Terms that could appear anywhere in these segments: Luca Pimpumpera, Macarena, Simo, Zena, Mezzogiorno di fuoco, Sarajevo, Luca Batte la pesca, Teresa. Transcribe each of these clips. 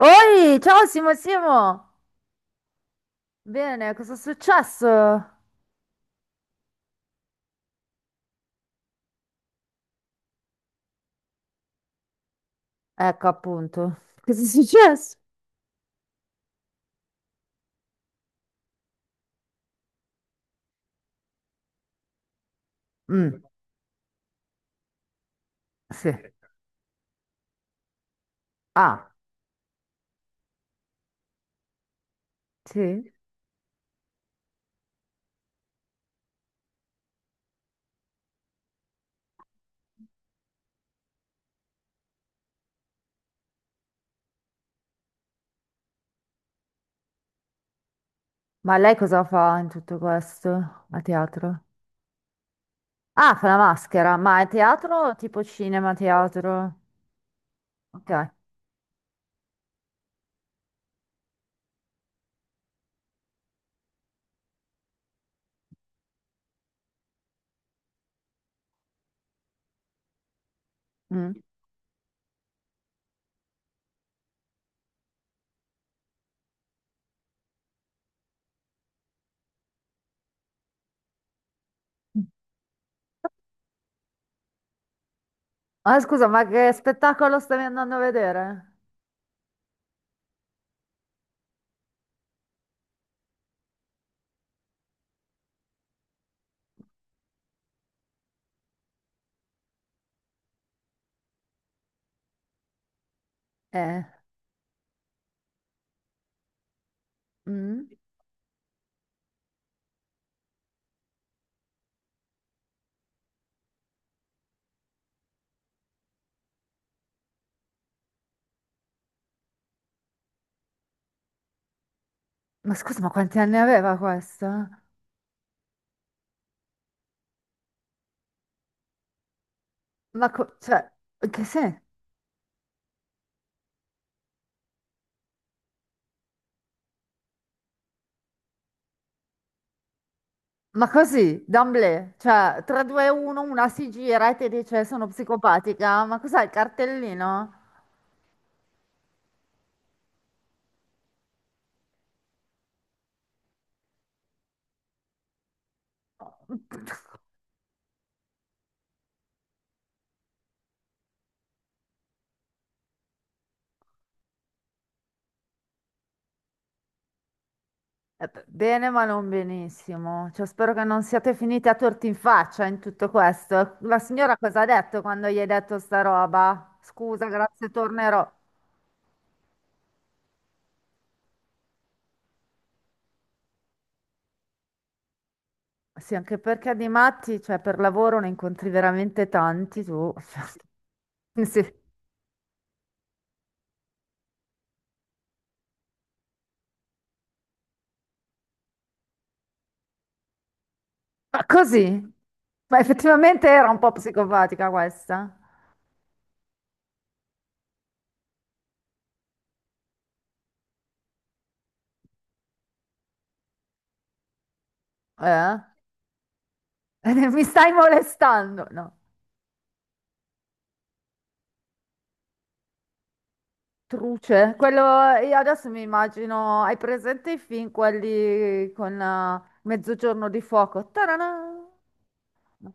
Oi, ciao Simo! Bene, cosa è successo? Ecco appunto. Cosa è successo? Mm, sì. Ah, sì? Ma lei cosa fa in tutto questo? A teatro? Ah, fa la maschera, ma è teatro o tipo cinema, teatro? Ok. Mm. Ah, scusa, ma che spettacolo stavi andando a vedere? Eh, mm? Ma scusa, ma quanti anni aveva questa? Ma cioè, che senso? Ma così, d'emblée, cioè 3, 2, 1, una si gira e ti dice sono psicopatica, ma cos'è il cartellino? Bene, ma non benissimo. Cioè, spero che non siate finiti a torti in faccia in tutto questo. La signora cosa ha detto quando gli hai detto sta roba? Scusa, grazie, tornerò. Sì, anche perché di matti, cioè per lavoro ne incontri veramente tanti tu. Sì. Ma così? Ma effettivamente era un po' psicopatica questa. Eh? Mi stai molestando? No. Truce. Quello, io adesso mi immagino, hai presente i film, quelli con Mezzogiorno di fuoco? Tarana! No.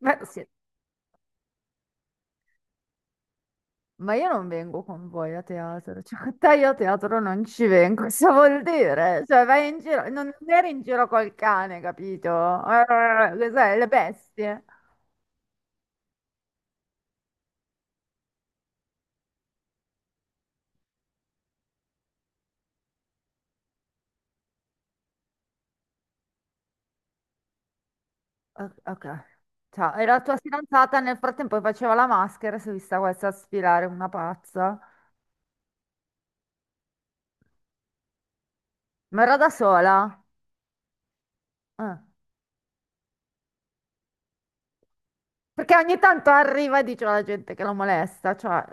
Beh, sì. Ma io non vengo con voi a teatro, cioè con te io a teatro non ci vengo, cosa vuol dire? Cioè vai in giro, non eri in giro col cane, capito? Cos'è, le bestie? Ok. Ciao, e la tua fidanzata nel frattempo che faceva la maschera, si è vista questa sfilare una pazza. Ma era da sola? Ah. Perché ogni tanto arriva e dice alla gente che la molesta, cioè,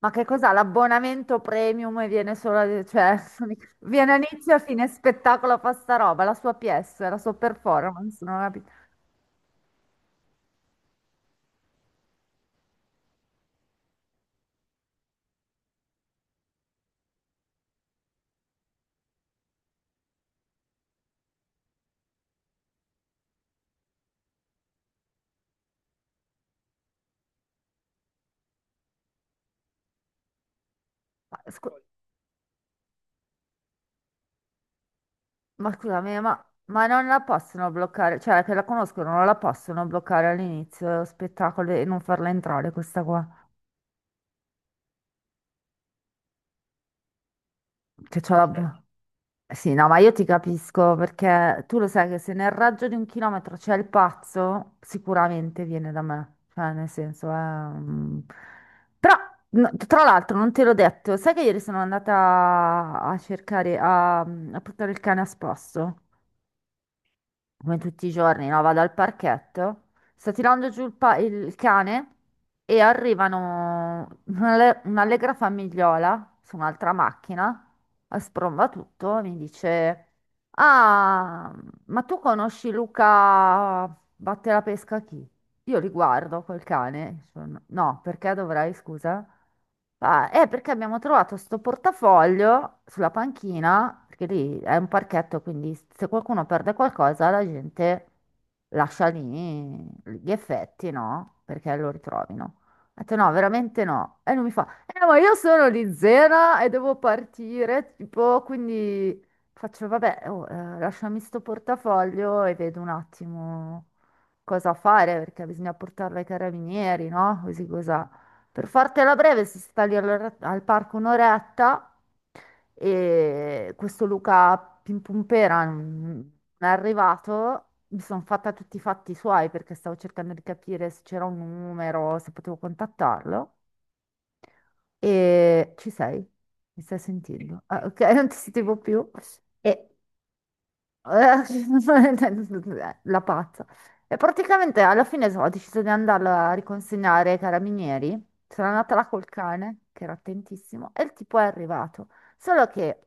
ma che cos'ha l'abbonamento premium e viene solo, cioè, viene a inizio e a fine spettacolo fa sta roba, la sua pièce, la sua performance, non ho capito. Ma, ma scusami, ma non la possono bloccare, cioè, che la conoscono, non la possono bloccare all'inizio dello spettacolo e non farla entrare questa qua, che c'ha la. Sì, no, ma io ti capisco perché tu lo sai che se nel raggio di un chilometro c'è il pazzo, sicuramente viene da me. Cioè, nel senso, Però, no, tra l'altro, non te l'ho detto, sai che ieri sono andata a cercare, a portare il cane a spasso? Come tutti i giorni, no? Vado al parchetto, sto tirando giù il cane e arrivano un'allegra famigliola su un'altra macchina, a spromba tutto, mi dice: Ah, ma tu conosci Luca Batte la pesca chi? Io li guardo quel cane. No, perché dovrei, scusa? Ah, è perché abbiamo trovato sto portafoglio sulla panchina, perché lì è un parchetto, quindi se qualcuno perde qualcosa la gente lascia lì gli effetti, no? Perché lo ritrovino. Ho detto no, veramente no. E lui mi fa, ma io sono di Zena e devo partire, tipo, quindi. Faccio, vabbè, oh, lasciami sto portafoglio e vedo un attimo cosa fare, perché bisogna portarlo ai carabinieri, no? Così cosa. Per fartela breve, si sta lì al parco un'oretta e questo Luca Pimpumpera non è arrivato. Mi sono fatta tutti i fatti suoi perché stavo cercando di capire se c'era un numero, se potevo contattarlo. E ci sei? Mi stai sentendo? Ah, ok, non ti sentivo più. E eh, la pazza. E praticamente alla fine ho deciso di andarla a riconsegnare ai carabinieri. Sono andata là col cane, che era attentissimo, e il tipo è arrivato. Solo che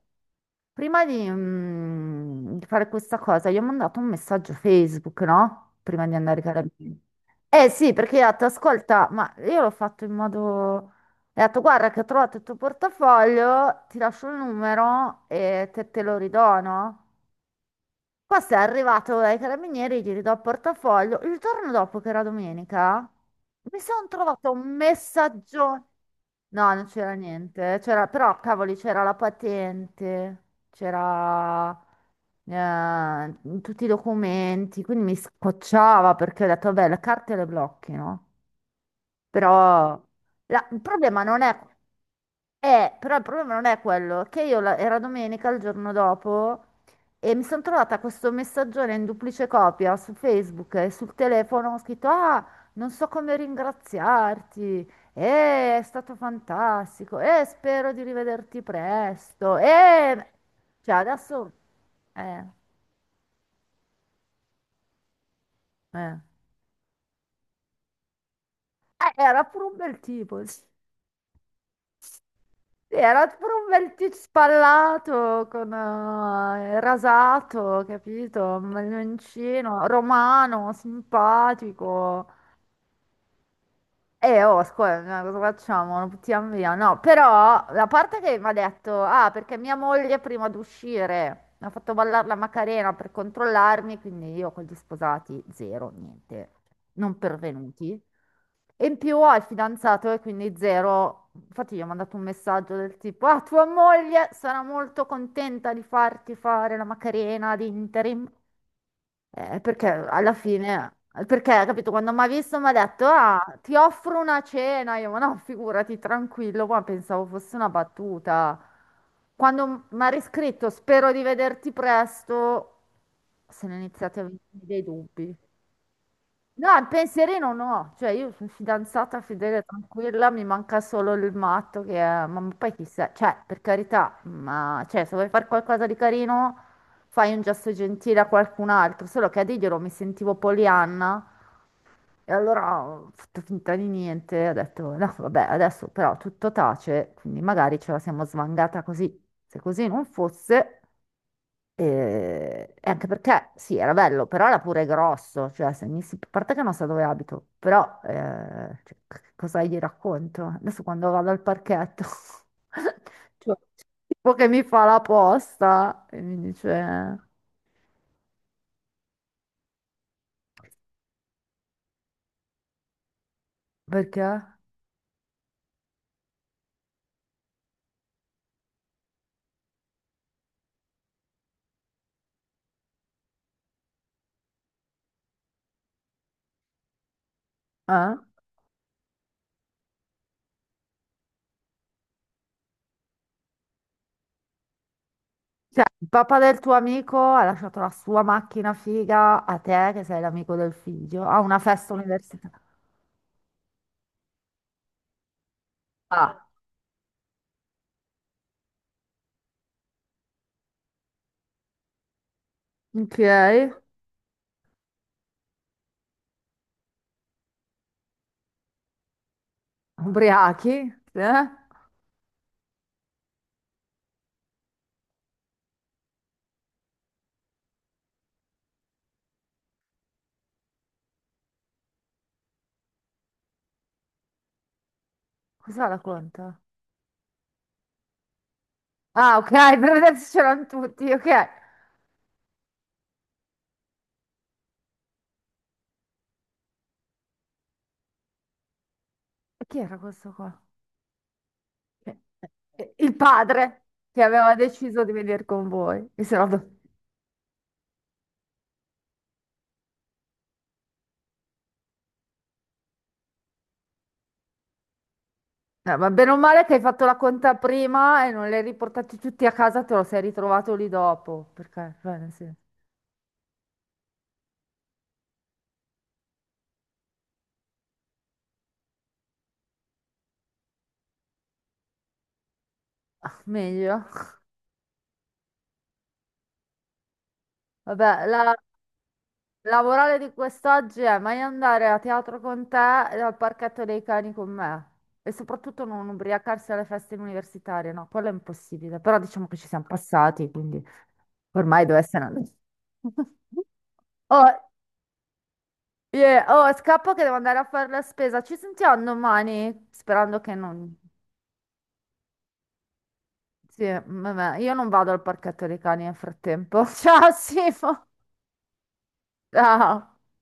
prima di fare questa cosa, gli ho mandato un messaggio Facebook, no? Prima di andare ai carabinieri. Eh sì, perché ho detto, ascolta, ma io l'ho fatto in modo. E ha detto, guarda che ho trovato il tuo portafoglio, ti lascio il numero e te lo ridono. Questo è arrivato ai carabinieri, gli ridò il portafoglio. Il giorno dopo, che era domenica, mi sono trovato un messaggio. No, non c'era niente. C'era, però, cavoli, c'era la patente, c'era tutti i documenti. Quindi mi scocciava perché ho detto, vabbè, le carte le blocchi, no? Però il problema non è. Però il problema non è quello, che io era domenica il giorno dopo e mi sono trovata questo messaggione in duplice copia su Facebook e sul telefono, ho scritto, ah, non so come ringraziarti, è stato fantastico, spero di rivederti presto, cioè adesso. eh, eh, era pure un bel tipo. Sì, era tipo un bel tizio spallato con il rasato, capito? Un bel mancino, romano, simpatico. Oh, scusa, no, cosa facciamo? Non buttiamo via. No, però la parte che mi ha detto, ah, perché mia moglie prima di uscire mi ha fatto ballare la Macarena per controllarmi, quindi io con gli sposati zero, niente, non pervenuti. E in più ho il fidanzato e quindi zero. Infatti gli ho mandato un messaggio del tipo, ah, tua moglie sarà molto contenta di farti fare la Macarena di interim. Perché alla fine, perché, capito, quando mi ha visto mi ha detto, ah, ti offro una cena, io, ma no, figurati, tranquillo, ma pensavo fosse una battuta. Quando mi ha riscritto, spero di vederti presto, se ne sono iniziati a venire dei dubbi. No, il pensierino no, cioè io sono fidanzata fedele, tranquilla, mi manca solo il matto che è, ma poi chissà, cioè per carità, ma cioè, se vuoi fare qualcosa di carino fai un gesto gentile a qualcun altro, solo che a dirglielo mi sentivo Polianna e allora ho fatto finta di niente, ho detto no vabbè adesso però tutto tace, quindi magari ce la siamo svangata così, se così non fosse. E anche perché sì, era bello, però era pure grosso, cioè se mi si, a parte che non so dove abito, però cioè, cosa gli racconto? Adesso quando vado al parchetto, cioè, tipo che mi fa la posta e mi dice perché? Eh? Cioè, il papà del tuo amico ha lasciato la sua macchina figa a te, che sei l'amico del figlio, a una festa universitaria. Ah, ok, ubriachi, eh? Cosa racconta? Ah, ok, per vedere se c'erano tutti, ok. E chi era questo qua? Eh, Il padre che aveva deciso di venire con voi. E se no, ma bene o male che hai fatto la conta prima e non li hai riportati tutti a casa, te lo sei ritrovato lì dopo. Perché, cioè, ah, meglio. Vabbè. La morale di quest'oggi è mai andare a teatro con te e al parchetto dei cani con me. E soprattutto non ubriacarsi alle feste universitarie, no, quello è impossibile. Però diciamo che ci siamo passati, quindi ormai deve essere andato. Oh, yeah, oh, scappo che devo andare a fare la spesa. Ci sentiamo domani? Sperando che non. Sì, vabbè, io non vado al parchetto dei cani nel frattempo. Ciao, Simo. Ciao.